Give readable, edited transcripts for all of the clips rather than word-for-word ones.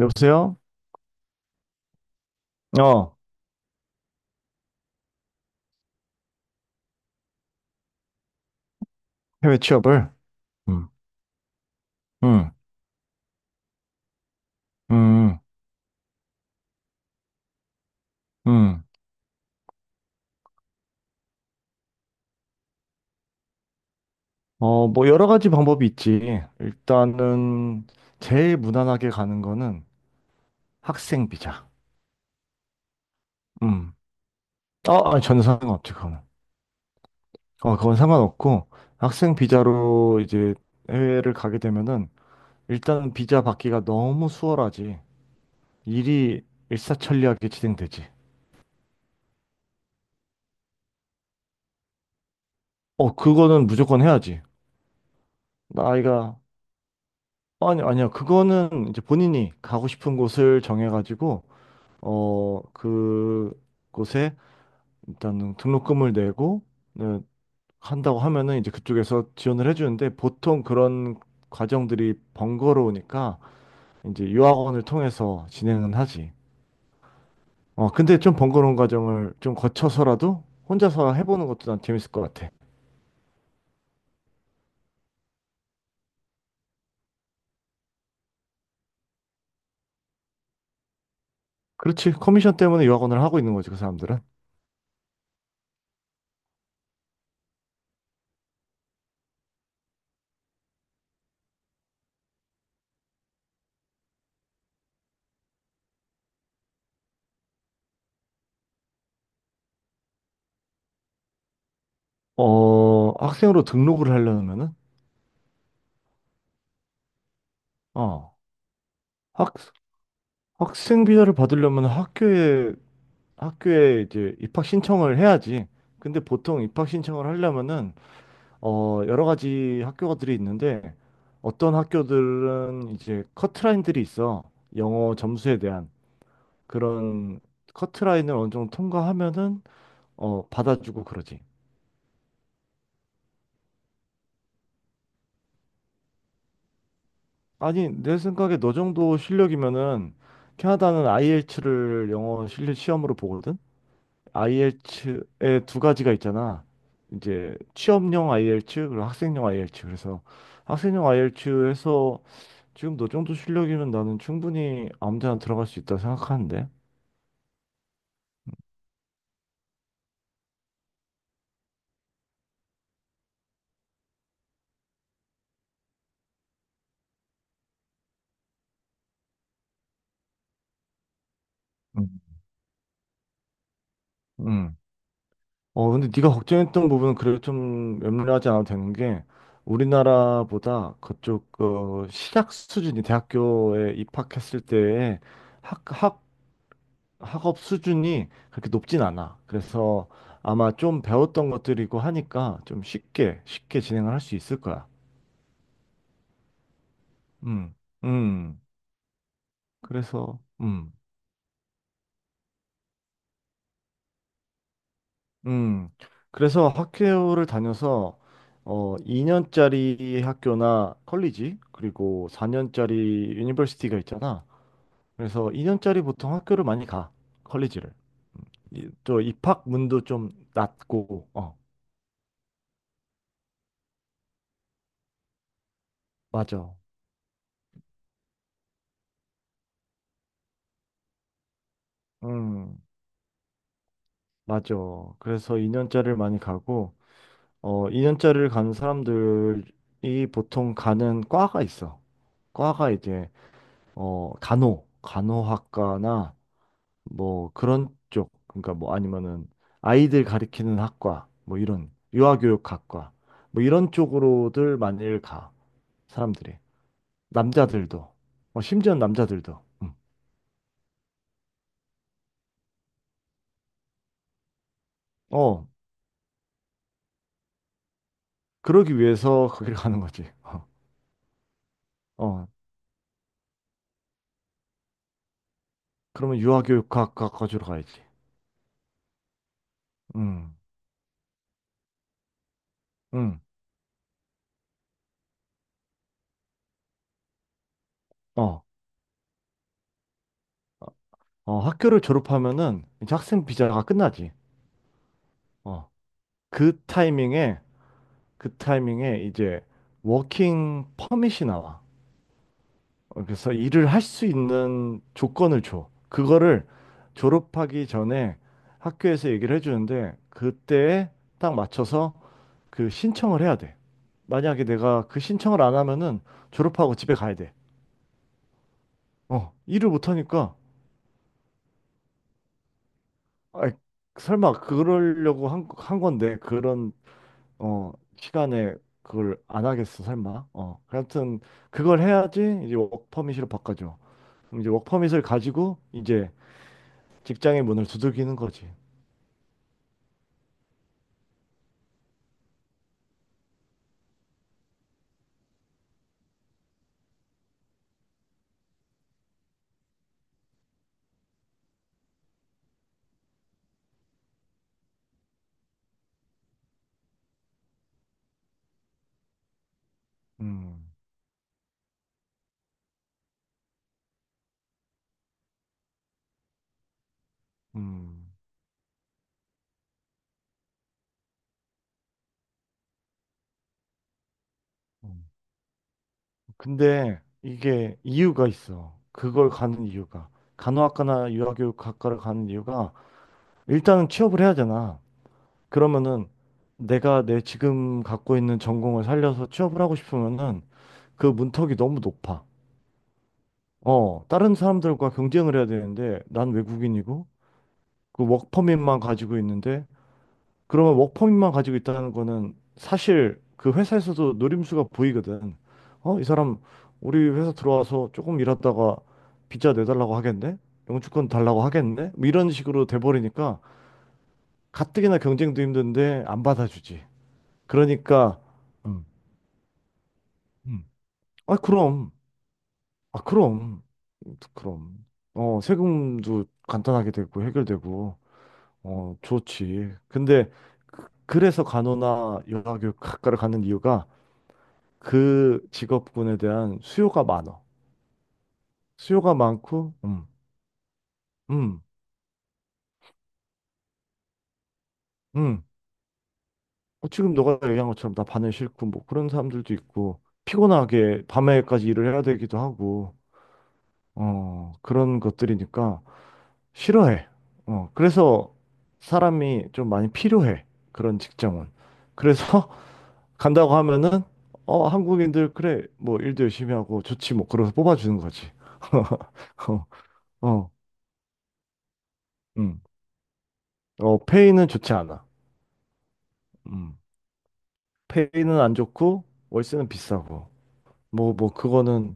여보세요? 어, 해외 취업을? 음, 음, 음, 음. 뭐 여러 가지 방법이 있지. 일단은 제일 무난하게 가는 거는 학생 비자. 음. 아니, 전혀 상관없지, 그거는. 그건 상관없고, 학생 비자로 이제 해외를 가게 되면은 일단은 비자 받기가 너무 수월하지. 일이 일사천리하게 진행되지. 그거는 무조건 해야지. 나이가 아니, 아니요. 그거는 이제 본인이 가고 싶은 곳을 정해가지고, 그 곳에 일단은 등록금을 내고, 네, 한다고 하면은 이제 그쪽에서 지원을 해주는데, 보통 그런 과정들이 번거로우니까, 이제 유학원을 통해서 진행은 하지. 근데 좀 번거로운 과정을 좀 거쳐서라도 혼자서 해보는 것도 난 재밌을 것 같아. 그렇지. 커미션 때문에 유학원을 하고 있는 거지, 그 사람들은. 학생으로 등록을 하려면은, 어. 학, 학생 비자를 받으려면 학교에 이제 입학 신청을 해야지. 근데 보통 입학 신청을 하려면은 여러 가지 학교들이 있는데 어떤 학교들은 이제 커트라인들이 있어. 영어 점수에 대한 그런 커트라인을 어느 정도 통과하면은 받아주고 그러지. 아니, 내 생각에 너 정도 실력이면은 캐나다는 IELTS를 영어 실력 시험으로 보거든. IELT 의에두 가지가 있잖아. 이제 취업용 IELT 그리고 학생용 IELT 그래서 학생용 IELT 에서 지금 너 정도 실력이면 나는 충분히 아무 데나 들어갈 수 있다 생각하는데. 음, 음. 근데 네가 걱정했던 부분은 그래도 좀 염려하지 않아도 되는 게 우리나라보다 그쪽 시작 수준이 대학교에 입학했을 때의 학, 학 학업 수준이 그렇게 높진 않아. 그래서 아마 좀 배웠던 것들이고 하니까 좀 쉽게, 쉽게 진행을 할 수 있을 거야. 음, 음. 그래서, 음, 음. 그래서 학교를 다녀서, 2년짜리 학교나 컬리지, 그리고 4년짜리 유니버시티가 있잖아. 그래서 2년짜리 보통 학교를 많이 가, 컬리지를. 또 입학문도 좀 낮고, 어. 맞아. 음. 맞죠. 그래서 2년짜리를 많이 가고, 2년짜리를 가는 사람들이 보통 가는 과가 있어. 과가 이제, 간호학과나 뭐 그런 쪽, 그러니까 뭐 아니면은 아이들 가리키는 학과, 뭐 이런, 유아교육학과, 뭐 이런 쪽으로들 많이 가, 사람들이. 남자들도, 심지어 남자들도. 음. 어, 그러기 위해서 거기를 가는 거지. 어, 어, 그러면 유아교육학과 가주러 가야지. 음. 응. 어, 학교를 졸업하면은 이제 학생 비자가 끝나지. 어, 그 타이밍에, 그 타이밍에 이제 워킹 퍼밋이 나와. 그래서 일을 할 수 있는 조건을 줘. 그거를 졸업하기 전에 학교에서 얘기를 해주는데 그때에 딱 맞춰서 그 신청을 해야 돼. 만약에 내가 그 신청을 안 하면은 졸업하고 집에 가야 돼. 일을 못 하니까. 아, 설마 그러려고 한 건데 그런 어, 시간에 그걸 안 하겠어, 설마. 아무튼 그걸 해야지 이제 워크퍼밋으로 바꿔줘. 그럼 이제 워크퍼밋을 가지고 이제 직장의 문을 두들기는 거지. 음, 음, 음. 근데 이게 이유가 있어. 그걸 가는 이유가. 간호학과나 유아교육학과를 가는 이유가 일단은 취업을 해야 되나. 그러면은 내가 내 지금 갖고 있는 전공을 살려서 취업을 하고 싶으면은 그 문턱이 너무 높아. 다른 사람들과 경쟁을 해야 되는데 난 외국인이고 그 워크퍼밋만 가지고 있는데 그러면 워크퍼밋만 가지고 있다는 거는 사실 그 회사에서도 노림수가 보이거든. 이 사람 우리 회사 들어와서 조금 일하다가 비자 내달라고 하겠네? 영주권 달라고 하겠네? 뭐 이런 식으로 돼버리니까 가뜩이나 경쟁도 힘든데 안 받아주지. 그러니까 음, 음. 아, 그럼. 아, 그럼. 그럼. 세금도 간단하게 되고 해결되고 좋지. 근데 그래서 간호나 요양교육학과를 가는 이유가 그 직업군에 대한 수요가 많어. 수요가 많고, 음, 음. 지금 너가 얘기한 것처럼 나 반에 싫고 뭐 그런 사람들도 있고 피곤하게 밤에까지 일을 해야 되기도 하고 그런 것들이니까 싫어해. 그래서 사람이 좀 많이 필요해. 그런 직장은. 그래서 간다고 하면은 한국인들 그래 뭐 일도 열심히 하고 좋지 뭐 그러면서 뽑아주는 거지. 어, 어, 음. 페이는 좋지 않아. 음. 페이는 안 좋고 월세는 비싸고 뭐 그거는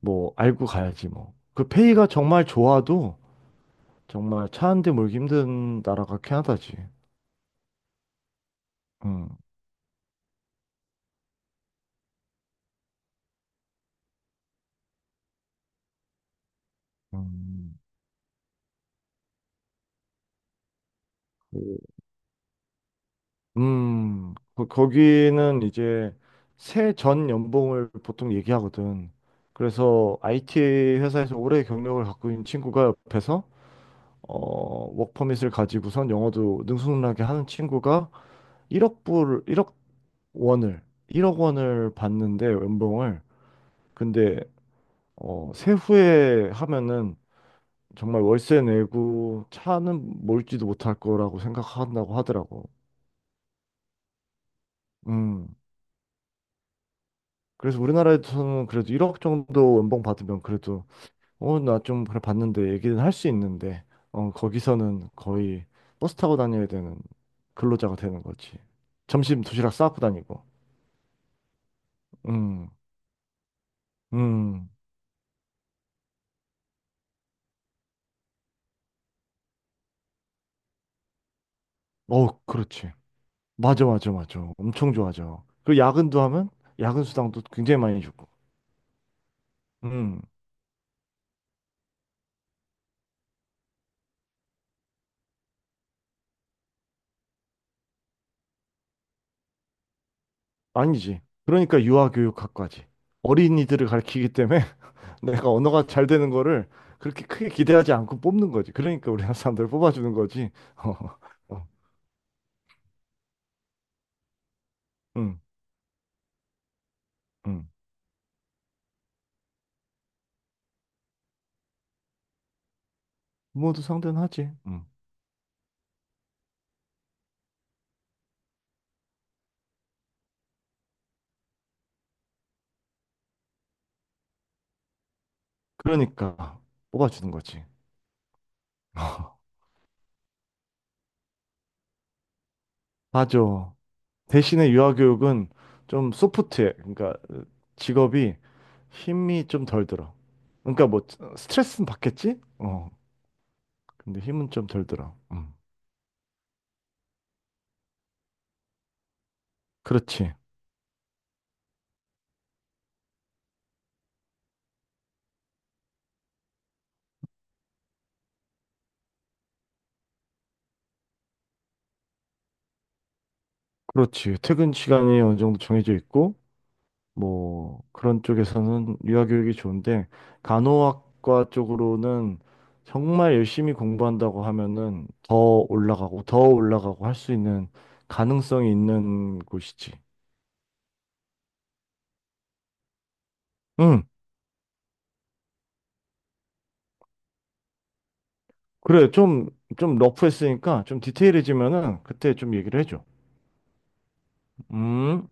뭐 알고 가야지 뭐. 그 페이가 정말 좋아도 정말 차 한 대 몰기 힘든 나라가 캐나다지. 음. 음. 거기는 이제 새 전 연봉을 보통 얘기하거든. 그래서 IT 회사에서 오래 경력을 갖고 있는 친구가 옆에서 어, 워크퍼밋을 가지고선 영어도 능수능란하게 하는 친구가 1억 불, 1억 원을, 1억 원을 받는데 연봉을. 근데 세후에 하면은 정말 월세 내고 차는 몰지도 못할 거라고 생각한다고 하더라고. 음. 그래서 우리나라에서는 그래도 1억 정도 연봉 받으면 그래도 나 좀 그래 봤는데 얘기는 할 수 있는데 거기서는 거의 버스 타고 다녀야 되는 근로자가 되는 거지. 점심 도시락 싸고 다니고. 음. 음. 그렇지. 맞아 맞아 맞아. 엄청 좋아져. 그리고 야근도 하면 야근 수당도 굉장히 많이 주고. 음. 아니지. 그러니까 유아교육학과지. 어린이들을 가르치기 때문에 내가 언어가 잘 되는 거를 그렇게 크게 기대하지 않고 뽑는 거지. 그러니까 우리나라 사람들을 뽑아주는 거지. 어, 어, 응, 응. 모두 상대는 하지. 응. 그러니까 뽑아주는 거지. 맞아. 대신에 유아교육은 좀 소프트해. 그러니까 직업이 힘이 좀 덜 들어. 그러니까 뭐 스트레스는 받겠지? 근데 힘은 좀 덜 들어. 음. 그렇지. 그렇지. 퇴근 시간이 어느 정도 정해져 있고 뭐 그런 쪽에서는 유아 교육이 좋은데 간호학과 쪽으로는 정말 열심히 공부한다고 하면은 더 올라가고 더 올라가고 할 수 있는 가능성이 있는 곳이지. 응, 그래. 좀 러프했으니까 좀 디테일해지면은 그때 좀 얘기를 해줘. 음.